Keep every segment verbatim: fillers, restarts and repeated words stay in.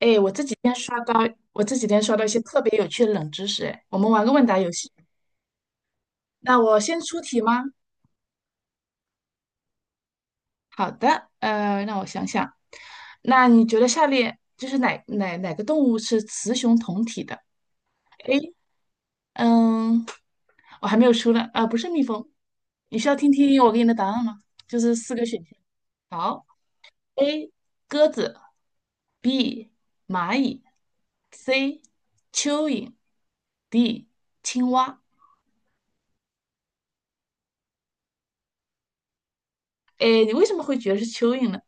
哎，我这几天刷到，我这几天刷到一些特别有趣的冷知识。哎，我们玩个问答游戏。那我先出题吗？好的，呃，让我想想。那你觉得下列就是哪哪哪个动物是雌雄同体的？A，嗯，我还没有出呢。啊、不是蜜蜂。你需要听听我给你的答案吗？就是四个选项。好，A 鸽子，B 蚂蚁，C 蚯蚓，D 青蛙。哎，你为什么会觉得是蚯蚓呢？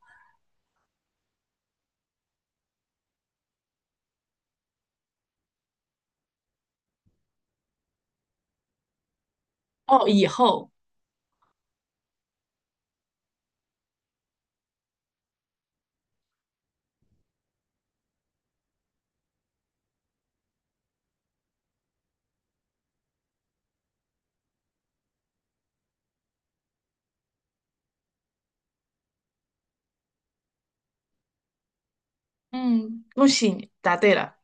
哦，以后，嗯，恭喜你答对了。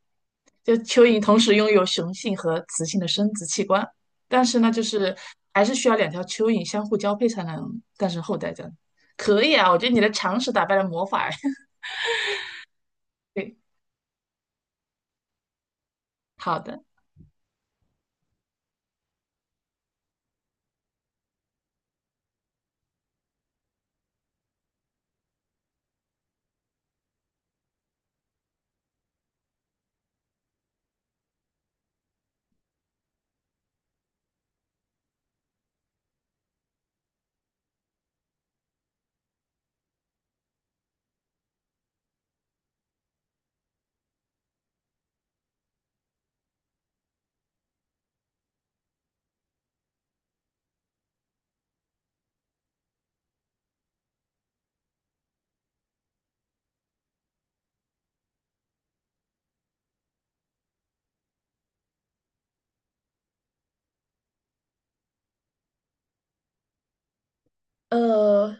就蚯蚓同时拥有雄性和雌性的生殖器官，但是呢，就是还是需要两条蚯蚓相互交配才能诞生后代。这样可以啊，我觉得你的常识打败了魔法。对，好的。呃，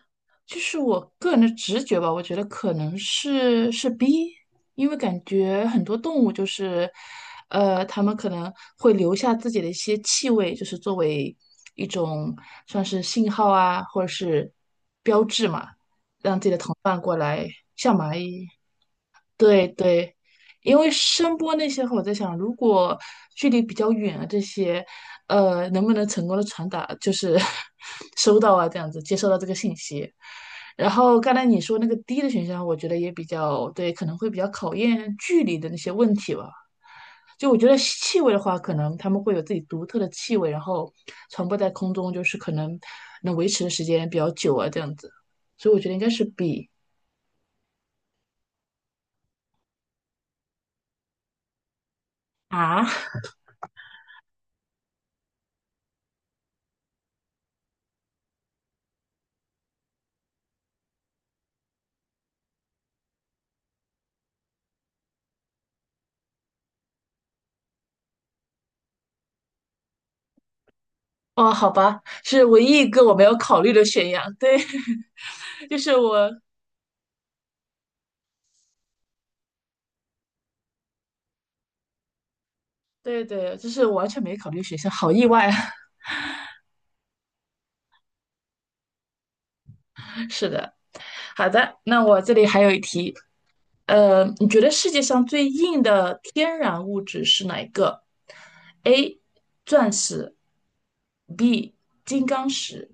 就是我个人的直觉吧，我觉得可能是是 B，因为感觉很多动物就是，呃，它们可能会留下自己的一些气味，就是作为一种算是信号啊，或者是标志嘛，让自己的同伴过来像蚂蚁。对对，因为声波那些话，我在想，如果距离比较远啊，这些，呃，能不能成功的传达，就是 收到啊，这样子接收到这个信息。然后刚才你说那个低的选项，我觉得也比较对，可能会比较考验距离的那些问题吧。就我觉得气味的话，可能他们会有自己独特的气味，然后传播在空中，就是可能能维持的时间比较久啊，这样子。所以我觉得应该是比啊。哦，好吧，是唯一一个我没有考虑的选项。对，就是我，对对，就是我完全没考虑选项，好意外啊！是的，好的，那我这里还有一题，呃，你觉得世界上最硬的天然物质是哪一个？A. 钻石，B. 金刚石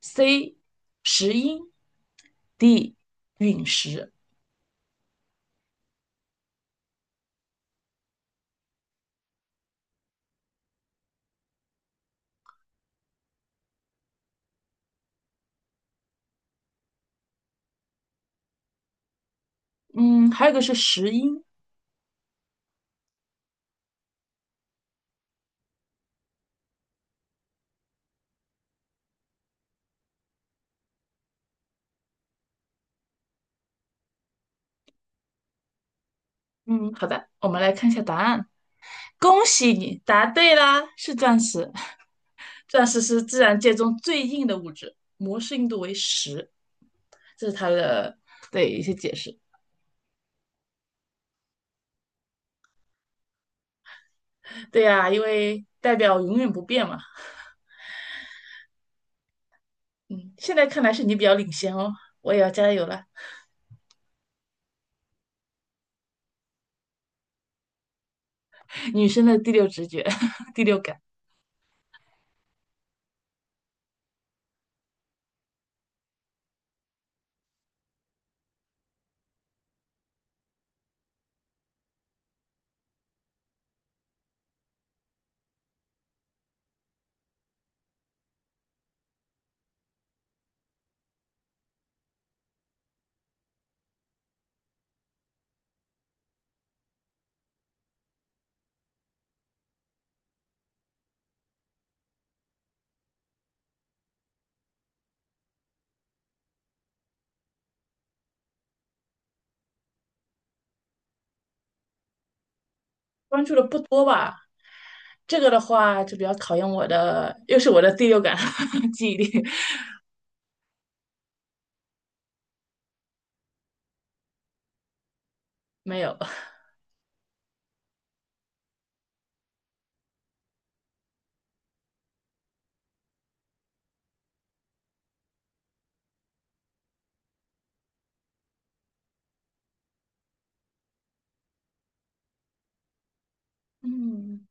，C. 石英，D. 陨石。嗯，还有一个是石英。嗯，好的，我们来看一下答案。恭喜你答对啦，是钻石。钻石是自然界中最硬的物质，摩氏硬度为十。这是它的对一些解释。对呀，因为代表永远不变嘛。嗯，现在看来是你比较领先哦，我也要加油了。女生的第六直觉、第六感，关注的不多吧？这个的话就比较考验我的，又是我的第六感 记忆力没有。嗯，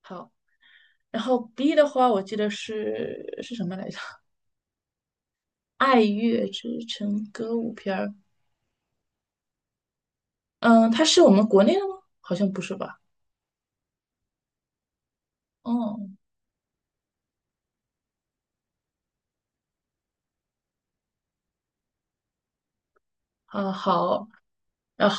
好。然后 B 的话，我记得是是什么来着？《爱乐之城歌舞片》。儿。嗯，它是我们国内的吗？好像不是吧？嗯啊好，然后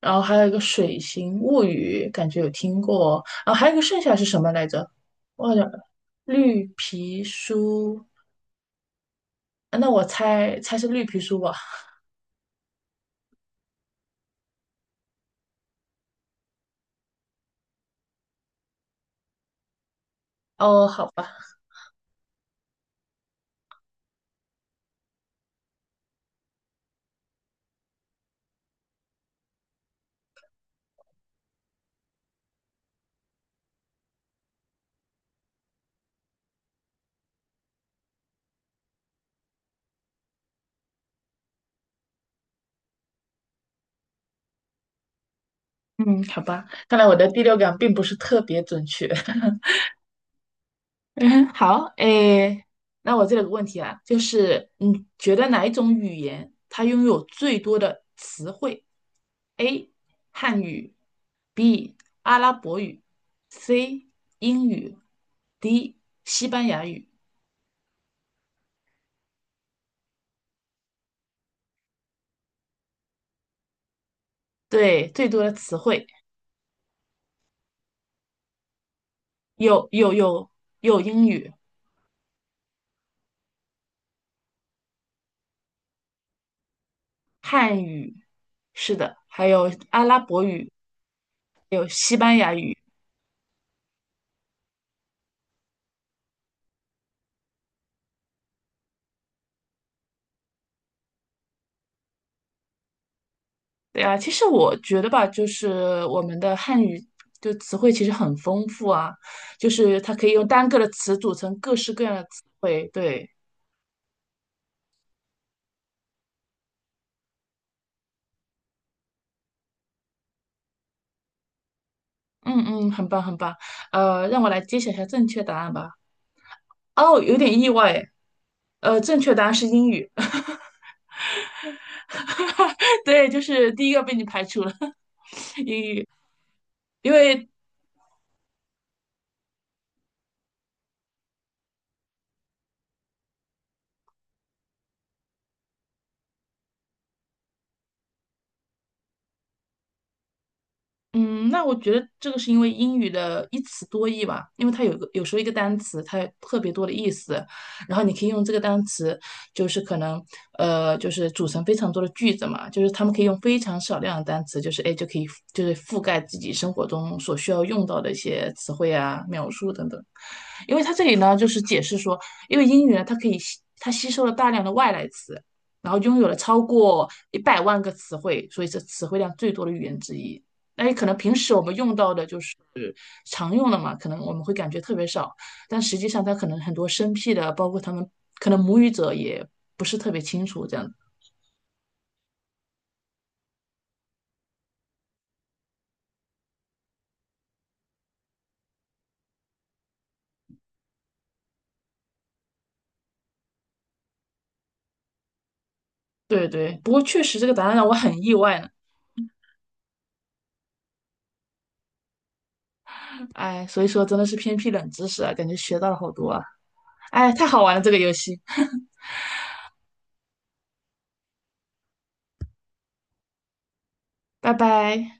然后还有一个《水形物语》，感觉有听过。然后还有一个剩下是什么来着？忘好像绿皮书。啊那我猜猜是绿皮书吧？哦，好吧，嗯，好吧，看来我的第六感并不是特别准确。嗯，好，诶，那我这里有个问题啊，就是你觉得哪一种语言它拥有最多的词汇？A. 汉语，B. 阿拉伯语，C. 英语，D. 西班牙语。对，最多的词汇有，有，有，有英语、汉语，是的，还有阿拉伯语，还有西班牙语。对啊，其实我觉得吧，就是我们的汉语就词汇其实很丰富啊，就是它可以用单个的词组成各式各样的词汇。对，嗯嗯，很棒很棒。呃，让我来揭晓一下正确答案吧。哦，有点意外诶呃，正确答案是英语。对，就是第一个被你排除了 英语，因为嗯，那我觉得这个是因为英语的一词多义吧，因为它有个有时候一个单词它有特别多的意思，然后你可以用这个单词，就是可能呃就是组成非常多的句子嘛，就是他们可以用非常少量的单词，就是哎就可以就是覆盖自己生活中所需要用到的一些词汇啊、描述等等。因为它这里呢就是解释说，因为英语呢它可以吸它吸收了大量的外来词，然后拥有了超过一百万个词汇，所以是词汇量最多的语言之一。哎，可能平时我们用到的就是常用的嘛，可能我们会感觉特别少，但实际上它可能很多生僻的，包括他们可能母语者也不是特别清楚这样子对对，不过确实这个答案让我很意外呢。哎，所以说真的是偏僻冷知识啊，感觉学到了好多啊。哎，太好玩了这个游戏，拜拜。